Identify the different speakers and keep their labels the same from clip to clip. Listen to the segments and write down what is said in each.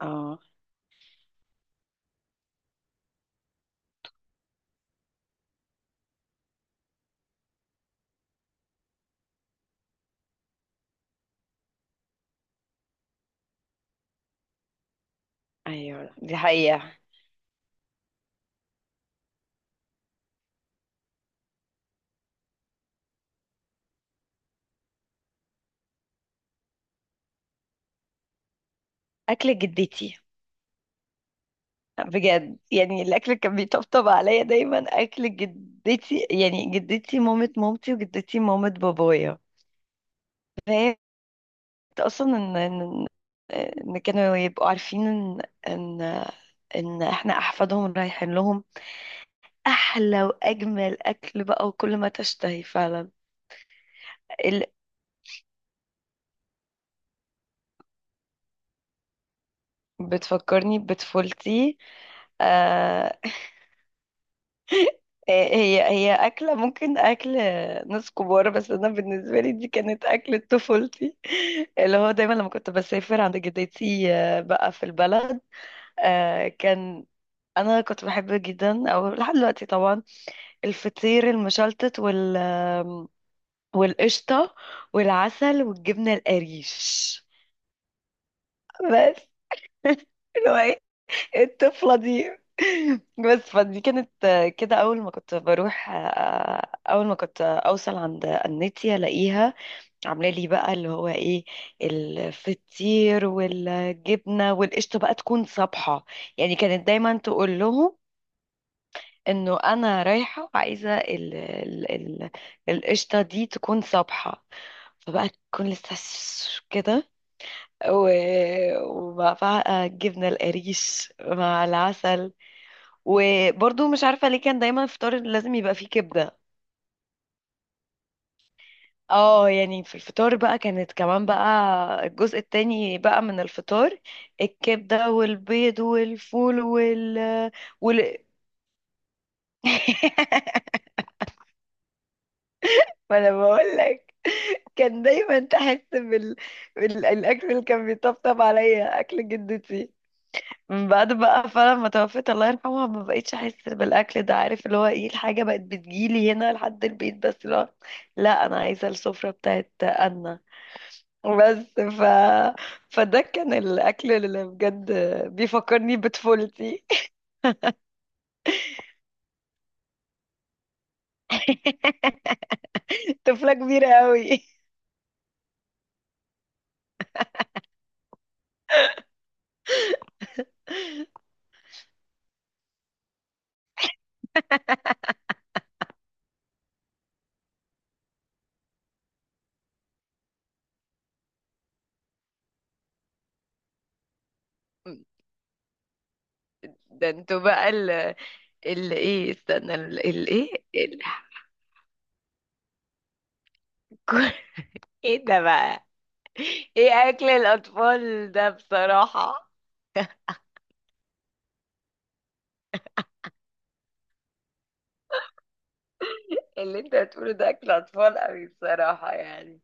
Speaker 1: اه، ايوه، دي حقيقة. اكل جدتي. بجد يعني الاكل اللي كان بيطبطب عليا دايما اكل جدتي، يعني جدتي مامة مامتي وجدتي مامة بابايا. فهي اصلا ان كانوا يبقوا عارفين ان ان احنا احفادهم رايحين لهم احلى واجمل اكل بقى، وكل ما تشتهي فعلا. ال- بتفكرني بطفولتي. آه هي أكلة ممكن أكل ناس كبار، بس أنا بالنسبة لي دي كانت أكلة طفولتي. اللي هو دايما لما كنت بسافر عند جدتي بقى في البلد. كان أنا كنت بحب جدا، أو لحد دلوقتي طبعا، الفطير المشلتت والقشطة والعسل والجبنة القريش، بس. اللي هو إيه؟ الطفلة دي. بس فدي كانت كده، أول ما كنت أوصل عند النتي، ألاقيها عاملة لي بقى اللي هو إيه، الفطير والجبنة والقشطة بقى تكون صبحة. يعني كانت دايما تقول لهم إنه أنا رايحة وعايزة القشطة دي تكون صبحة، فبقى تكون لسه كده، و... وبقى الجبنة القريش مع العسل. وبرضو مش عارفة ليه كان دايما الفطار لازم يبقى فيه كبدة. اه، يعني في الفطار بقى كانت كمان بقى الجزء التاني بقى من الفطار، الكبدة والبيض والفول وال وال ما انا بقول لك، كان دايما تحس الاكل اللي كان بيطبطب عليا اكل جدتي. من بعد بقى فعلا ما توفيت الله يرحمها، ما بقيتش احس بالاكل ده، عارف اللي هو ايه، الحاجه بقت بتجيلي هنا لحد البيت، بس اللي هو لا، انا عايزه السفره بتاعت انا. بس فده كان الاكل اللي بجد بيفكرني بطفولتي. طفله كبيره قوي. ده انتوا بقى ال ايه، استنى ال ايه ايه ده بقى؟ ايه اكل الاطفال ده بصراحه؟ اللي انت بتقوله ده اكل اطفال قوي بصراحة، يعني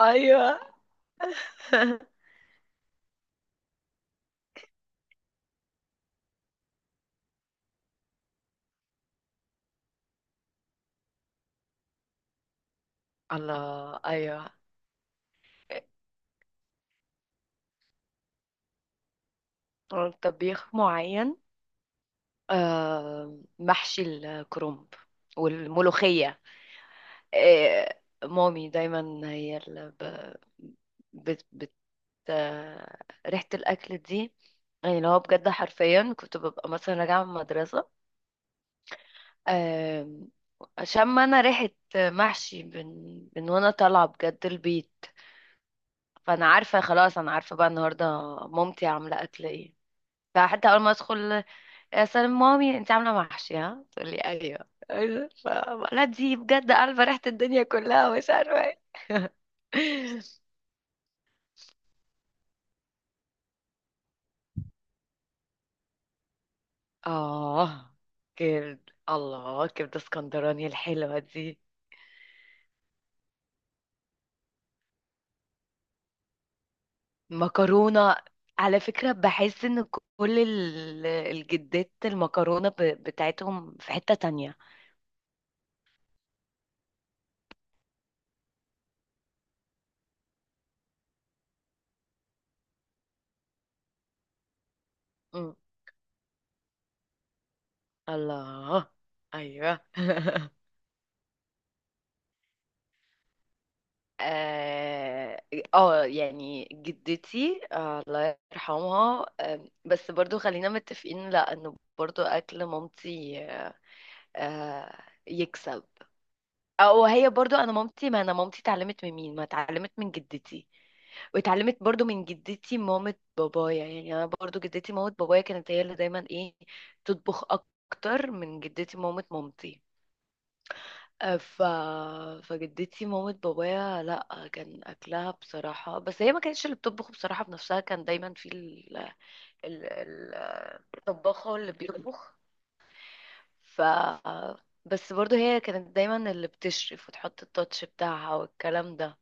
Speaker 1: ايوه. الله، ايوه. طبيخ معين، محشي الكرنب والملوخية. مامي دايما هي اللي ب- بت بت آه، ريحة الأكل دي، يعني اللي هو بجد حرفيا كنت ببقى مثلا راجعة من المدرسة، آم، شم أنا ريحة محشي من وأنا طالعة بجد البيت، فانا عارفه خلاص، انا عارفه بقى النهارده مامتي عامله اكل ايه. فحتى اول ما ادخل، يا سلام مامي انت عامله محشي؟ ها تقول لي ايوه، أيوة. لا دي بجد عارفه ريحه الدنيا كلها، مش عارفه ايه. اه، كبد، الله، كبده اسكندراني الحلوه دي. مكرونه، على فكره بحس ان كل الجدات المكرونه بتاعتهم في حته تانية. مم. الله، ايوه. اه، يعني جدتي، الله يرحمها، بس برضو خلينا متفقين لا، انه برضو اكل مامتي. يكسب، او هي برضو، انا مامتي، ما انا مامتي اتعلمت من مين؟ ما اتعلمت من جدتي. واتعلمت برضو من جدتي مامة بابايا، يعني انا برضو جدتي مامة بابايا كانت هي اللي دايما ايه، تطبخ اكتر من جدتي مامة مامتي. ف... فجدتي مامة بابايا، لا كان اكلها بصراحة، بس هي ما كانتش اللي بتطبخ بصراحة بنفسها، كان دايما في ال... ال- الطباخة هو اللي بيطبخ. ف بس برضو هي كانت دايما اللي بتشرف وتحط التاتش بتاعها والكلام ده.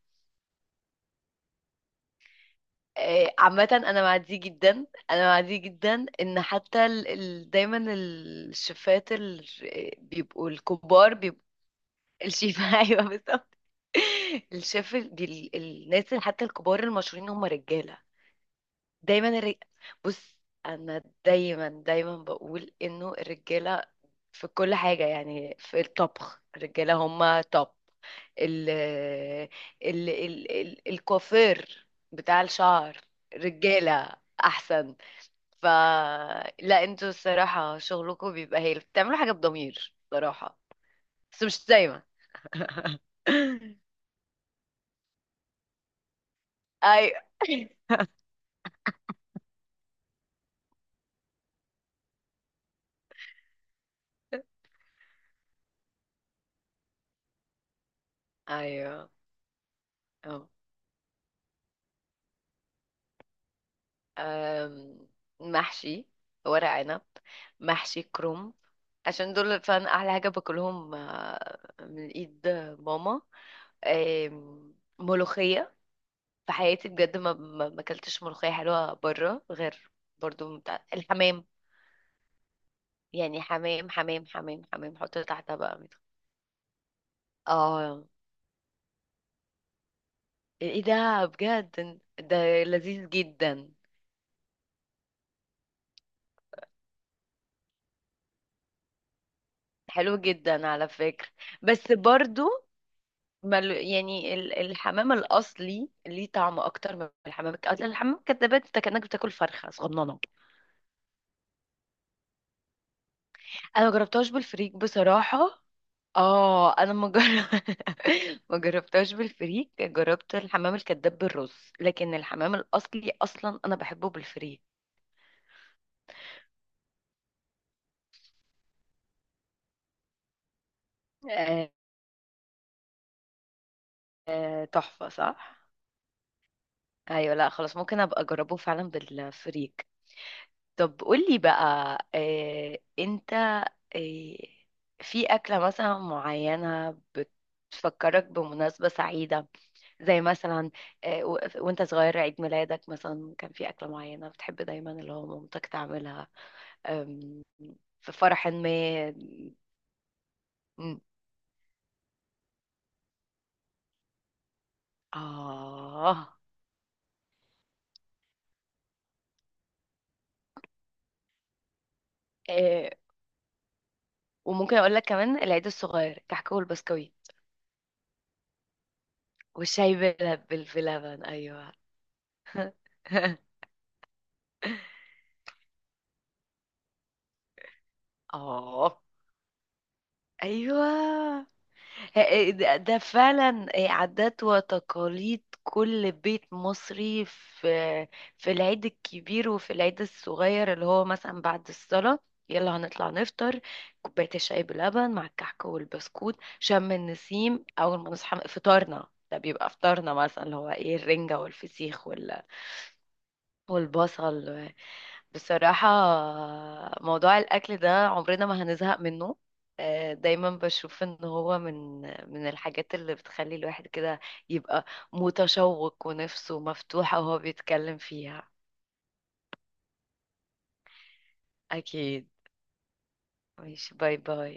Speaker 1: إيه، عامة أنا مع دي جدا، أنا مع دي جدا إن حتى دايما الشيفات ال... آه، بيبقوا الكبار، بيبقوا الشيفة. أيوه بالظبط. الشيف، دي الناس اللي حتى الكبار المشهورين هم رجالة. دايما الرج... بص، انا دايما دايما بقول انه الرجالة في كل حاجة، يعني في الطبخ الرجالة هم توب. ال ال ال ال الكوافير بتاع الشعر، رجالة احسن. ف لا انتوا الصراحة شغلكم بيبقى هايل، بتعملوا حاجة بضمير صراحة، بس مش دايما. ايوه. ايوه. اه، آم، محشي ورق عنب، محشي كروم، عشان دول فعلا احلى حاجه باكلهم من ايد ماما. آم، ملوخيه، في حياتي بجد ما اكلتش ملوخيه حلوه بره، غير برضو بتاع الحمام. يعني حمام حمام حمام حمام، حط تحتها بقى اه، ايه ده بجد، ده لذيذ جدا، حلو جدا على فكره. بس برضو ما ال- يعني ال- الحمام الاصلي ليه طعم اكتر من أصل الحمام الكدابات انت كانك بتاكل فرخه صغننه. انا ما جربتهاش بالفريك بصراحه. اه، انا ما جر- ما جربتهاش بالفريك، جربت الحمام الكداب بالرز. لكن الحمام الاصلي اصلا انا بحبه بالفريك. آه، تحفه، صح. ايوه، لا خلاص ممكن ابقى اجربه فعلا بالفريك. طب قولي بقى، انت آه، في أكلة مثلا معينة بتفكرك بمناسبة سعيدة؟ زي مثلا وانت صغير عيد ميلادك، مثلا كان في أكلة معينة بتحب دايما اللي هو مامتك تعملها. آم، في فرح ما م- آه آه، وممكن أقول لك كمان العيد الصغير، كحك والبسكويت والشاي بلبن، أيوه. اه، ايوه. ده فعلا إيه، عادات وتقاليد كل بيت مصري في العيد الكبير وفي العيد الصغير، اللي هو مثلا بعد الصلاة يلا هنطلع نفطر، كوباية الشاي بلبن مع الكحك والبسكوت. شم النسيم أول ما نصحى فطارنا ده، بيبقى فطارنا مثلا اللي هو ايه، الرنجة والفسيخ والبصل. بصراحة موضوع الأكل ده عمرنا ما هنزهق منه، دايما بشوف ان هو من الحاجات اللي بتخلي الواحد كده يبقى متشوق ونفسه مفتوحة وهو بيتكلم فيها. أكيد. ماشي، باي باي.